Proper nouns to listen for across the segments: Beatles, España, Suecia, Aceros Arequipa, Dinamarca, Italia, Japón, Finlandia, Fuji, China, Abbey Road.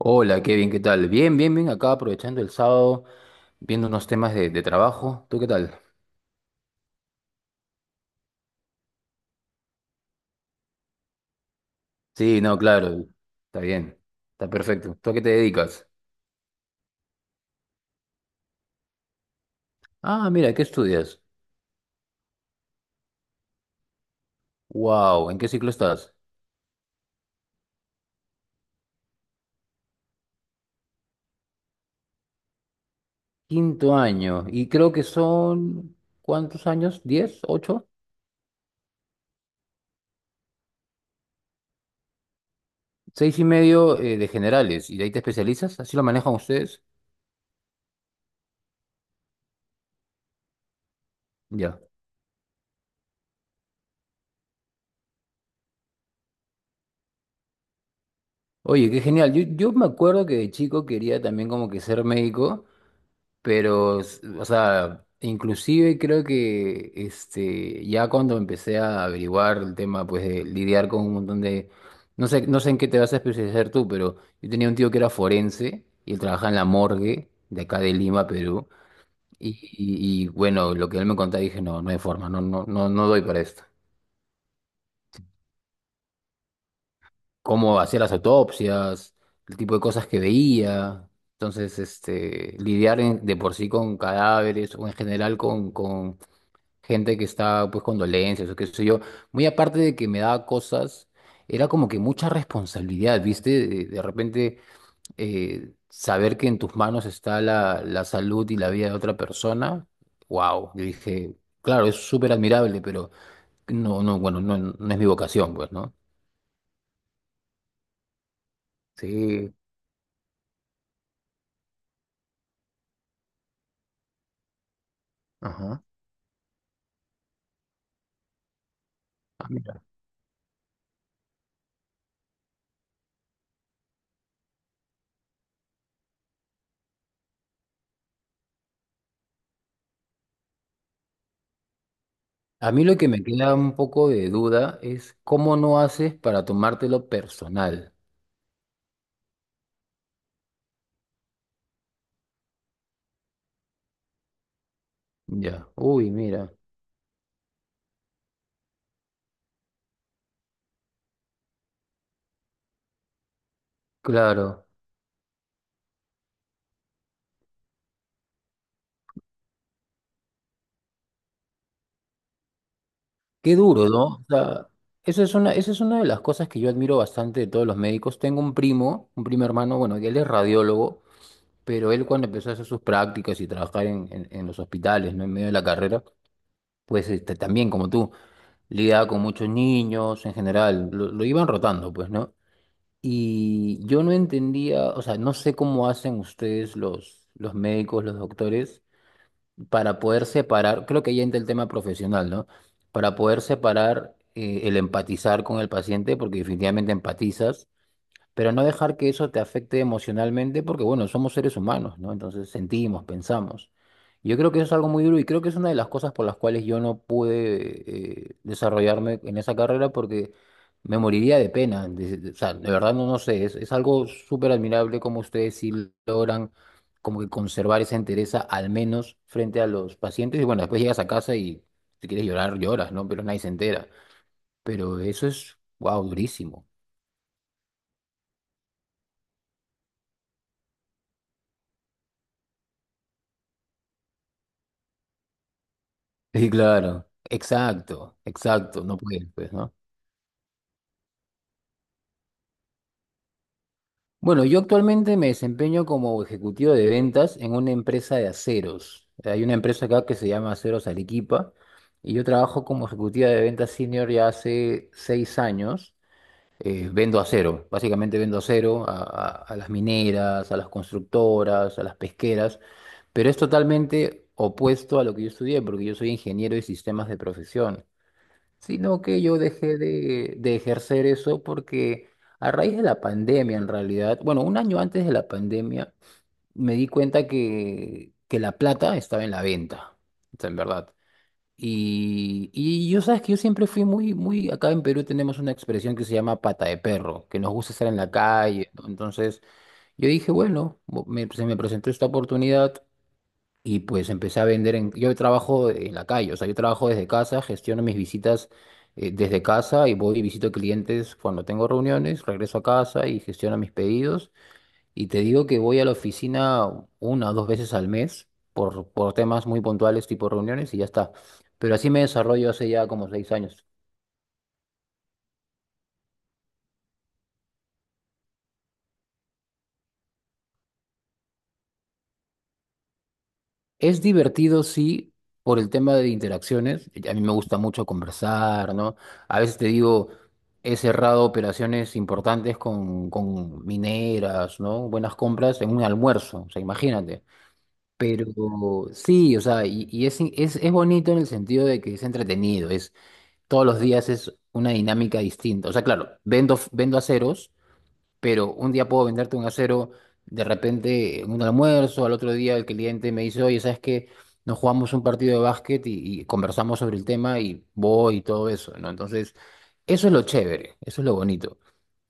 Hola, Kevin, ¿qué tal? Bien, bien, bien, acá aprovechando el sábado, viendo unos temas de trabajo. ¿Tú qué tal? Sí, no, claro, está bien, está perfecto. ¿Tú a qué te dedicas? Ah, mira, ¿qué estudias? Wow, ¿en qué ciclo estás? Quinto año, y creo que son, ¿cuántos años? ¿Diez? ¿Ocho? Seis y medio de generales, y de ahí te especializas, ¿así lo manejan ustedes? Ya. Oye, qué genial. Yo me acuerdo que de chico quería también como que ser médico. Pero, o sea, inclusive creo que este, ya cuando empecé a averiguar el tema, pues de lidiar con un montón de... No sé, no sé en qué te vas a especializar tú, pero yo tenía un tío que era forense y él trabajaba en la morgue de acá de Lima, Perú. Y, bueno, lo que él me contaba dije, no, no hay forma, no, no, no, no doy para esto. Cómo hacía las autopsias, el tipo de cosas que veía. Entonces, este, lidiar de por sí con cadáveres o en general con gente que está pues con dolencias o qué sé yo, muy aparte de que me daba cosas, era como que mucha responsabilidad, ¿viste? De repente saber que en tus manos está la salud y la vida de otra persona, wow, yo dije, claro, es súper admirable, pero no, no, bueno, no, no es mi vocación, pues, ¿no? Sí, ajá. Ah, mira. A mí lo que me queda un poco de duda es cómo no haces para tomártelo personal. Ya, uy, mira, claro. Qué duro, ¿no? O sea, eso es una de las cosas que yo admiro bastante de todos los médicos. Tengo un primo hermano, bueno, que él es radiólogo, pero él cuando empezó a hacer sus prácticas y trabajar en los hospitales, ¿no? En medio de la carrera, pues este, también, como tú, lidiaba con muchos niños en general, lo iban rotando, pues, ¿no? Y yo no entendía, o sea, no sé cómo hacen ustedes los médicos, los doctores para poder separar, creo que ya entra el tema profesional, ¿no? Para poder separar el empatizar con el paciente, porque definitivamente empatizas, pero no dejar que eso te afecte emocionalmente, porque bueno, somos seres humanos, ¿no? Entonces sentimos, pensamos. Yo creo que eso es algo muy duro y creo que es una de las cosas por las cuales yo no pude desarrollarme en esa carrera porque me moriría de pena. O sea, de verdad no, no sé, es algo súper admirable como ustedes sí logran como que conservar esa entereza al menos frente a los pacientes. Y bueno, después llegas a casa y si quieres llorar, lloras, ¿no? Pero nadie se entera. Pero eso es, wow, durísimo. Sí, claro, exacto, exacto, no puedes, pues, ¿no? Bueno, yo actualmente me desempeño como ejecutivo de ventas en una empresa de aceros. Hay una empresa acá que se llama Aceros Arequipa y yo trabajo como ejecutiva de ventas senior ya hace 6 años. Vendo acero, básicamente vendo acero a las mineras, a las constructoras, a las pesqueras, pero es totalmente opuesto a lo que yo estudié porque yo soy ingeniero de sistemas de profesión. Sino que yo dejé de ejercer eso porque a raíz de la pandemia, en realidad, bueno, un año antes de la pandemia, me di cuenta que, la plata estaba en la venta, o sea, en verdad. Y yo sabes que yo siempre fui muy, muy, acá en Perú tenemos una expresión que se llama pata de perro, que nos gusta estar en la calle, ¿no? Entonces yo dije, bueno, se me presentó esta oportunidad, y pues empecé a vender. Yo trabajo en la calle, o sea, yo trabajo desde casa, gestiono mis visitas desde casa y voy y visito clientes cuando tengo reuniones, regreso a casa y gestiono mis pedidos. Y te digo que voy a la oficina una o dos veces al mes por temas muy puntuales tipo reuniones y ya está. Pero así me desarrollo hace ya como 6 años. Es divertido, sí, por el tema de interacciones. A mí me gusta mucho conversar, ¿no? A veces te digo, he cerrado operaciones importantes con mineras, ¿no? Buenas compras en un almuerzo, o sea, imagínate. Pero sí, o sea, y es bonito en el sentido de que es entretenido, es, todos los días es una dinámica distinta. O sea, claro, vendo aceros pero un día puedo venderte un acero de repente en un almuerzo, al otro día el cliente me dice, oye, ¿sabes qué? Nos jugamos un partido de básquet y conversamos sobre el tema y voy y todo eso, ¿no? Entonces, eso es lo chévere, eso es lo bonito,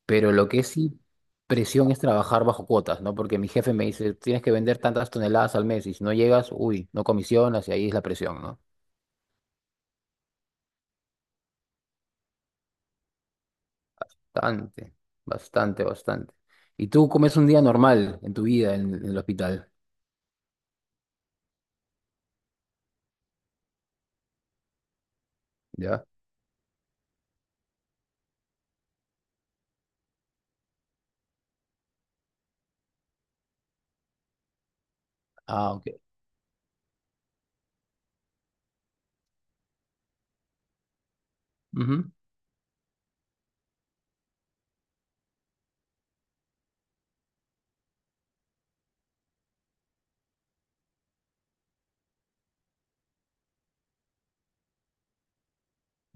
pero lo que sí presión es trabajar bajo cuotas, ¿no? Porque mi jefe me dice, tienes que vender tantas toneladas al mes y si no llegas, uy, no comisionas y ahí es la presión, ¿no? Bastante, bastante, bastante. ¿Y tú cómo es un día normal en tu vida en el hospital? ¿Ya? Ah, ok. Ujú.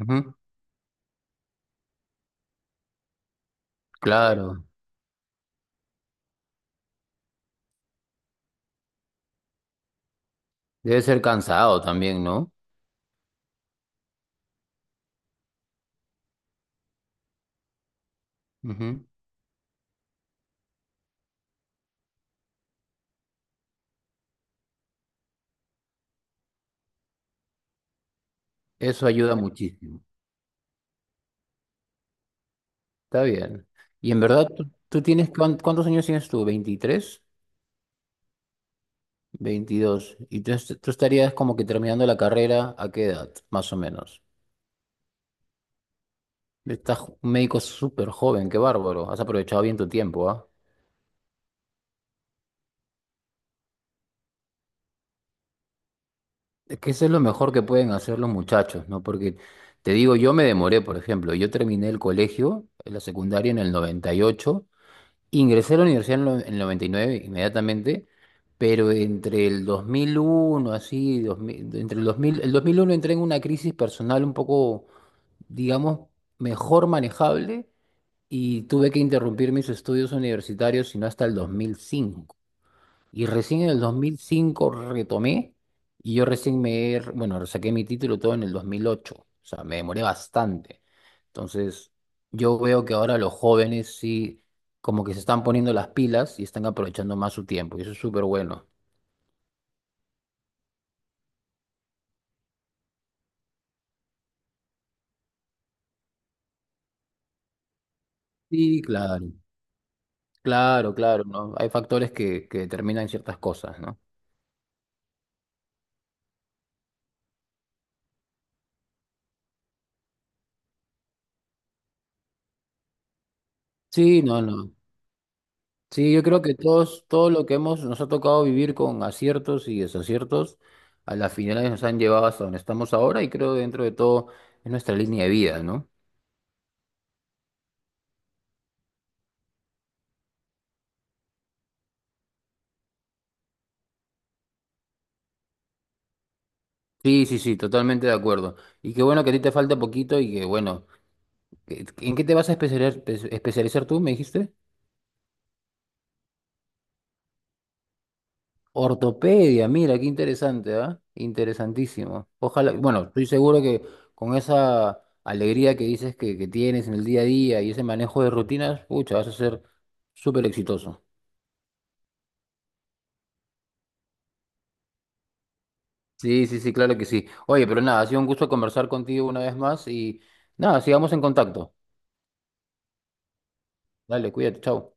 Ujú. Claro, debe ser cansado también, ¿no? Ujú. Eso ayuda muchísimo. Está bien. Y en verdad, tú tienes, ¿cuántos años tienes tú? 23, 22. Y tú estarías como que terminando la carrera, ¿a qué edad, más o menos? Estás un médico súper joven, qué bárbaro. Has aprovechado bien tu tiempo, ¿ah? Es que eso es lo mejor que pueden hacer los muchachos, ¿no? Porque te digo, yo me demoré, por ejemplo, yo terminé el colegio, la secundaria en el 98. Ingresé a la universidad en en el 99 inmediatamente, pero entre el 2001, así, 2000 entre el 2000, el 2001 entré en una crisis personal un poco, digamos, mejor manejable y tuve que interrumpir mis estudios universitarios, sino hasta el 2005. Y recién en el 2005 retomé y yo recién bueno, saqué mi título todo en el 2008, o sea, me demoré bastante. Entonces, yo veo que ahora los jóvenes sí, como que se están poniendo las pilas y están aprovechando más su tiempo, y eso es súper bueno. Sí, claro, claro, claro, ¿no? Hay factores que, determinan ciertas cosas, ¿no? Sí, no, no. Sí, yo creo que todos, todo lo que hemos, nos ha tocado vivir con aciertos y desaciertos, a las finales nos han llevado hasta donde estamos ahora y creo que dentro de todo es nuestra línea de vida, ¿no? Sí, sí, sí, totalmente de acuerdo. Y qué bueno que a ti te falta poquito y que bueno, ¿en qué te vas a especializar tú, me dijiste? Ortopedia, mira, qué interesante, ¿ah? Interesantísimo. Ojalá, bueno, estoy seguro que con esa alegría que dices que tienes en el día a día y ese manejo de rutinas, pucha, vas a ser súper exitoso. Sí, sí, sí, claro que sí. Oye, pero nada, ha sido un gusto conversar contigo una vez más y nada, sigamos en contacto. Dale, cuídate, chao.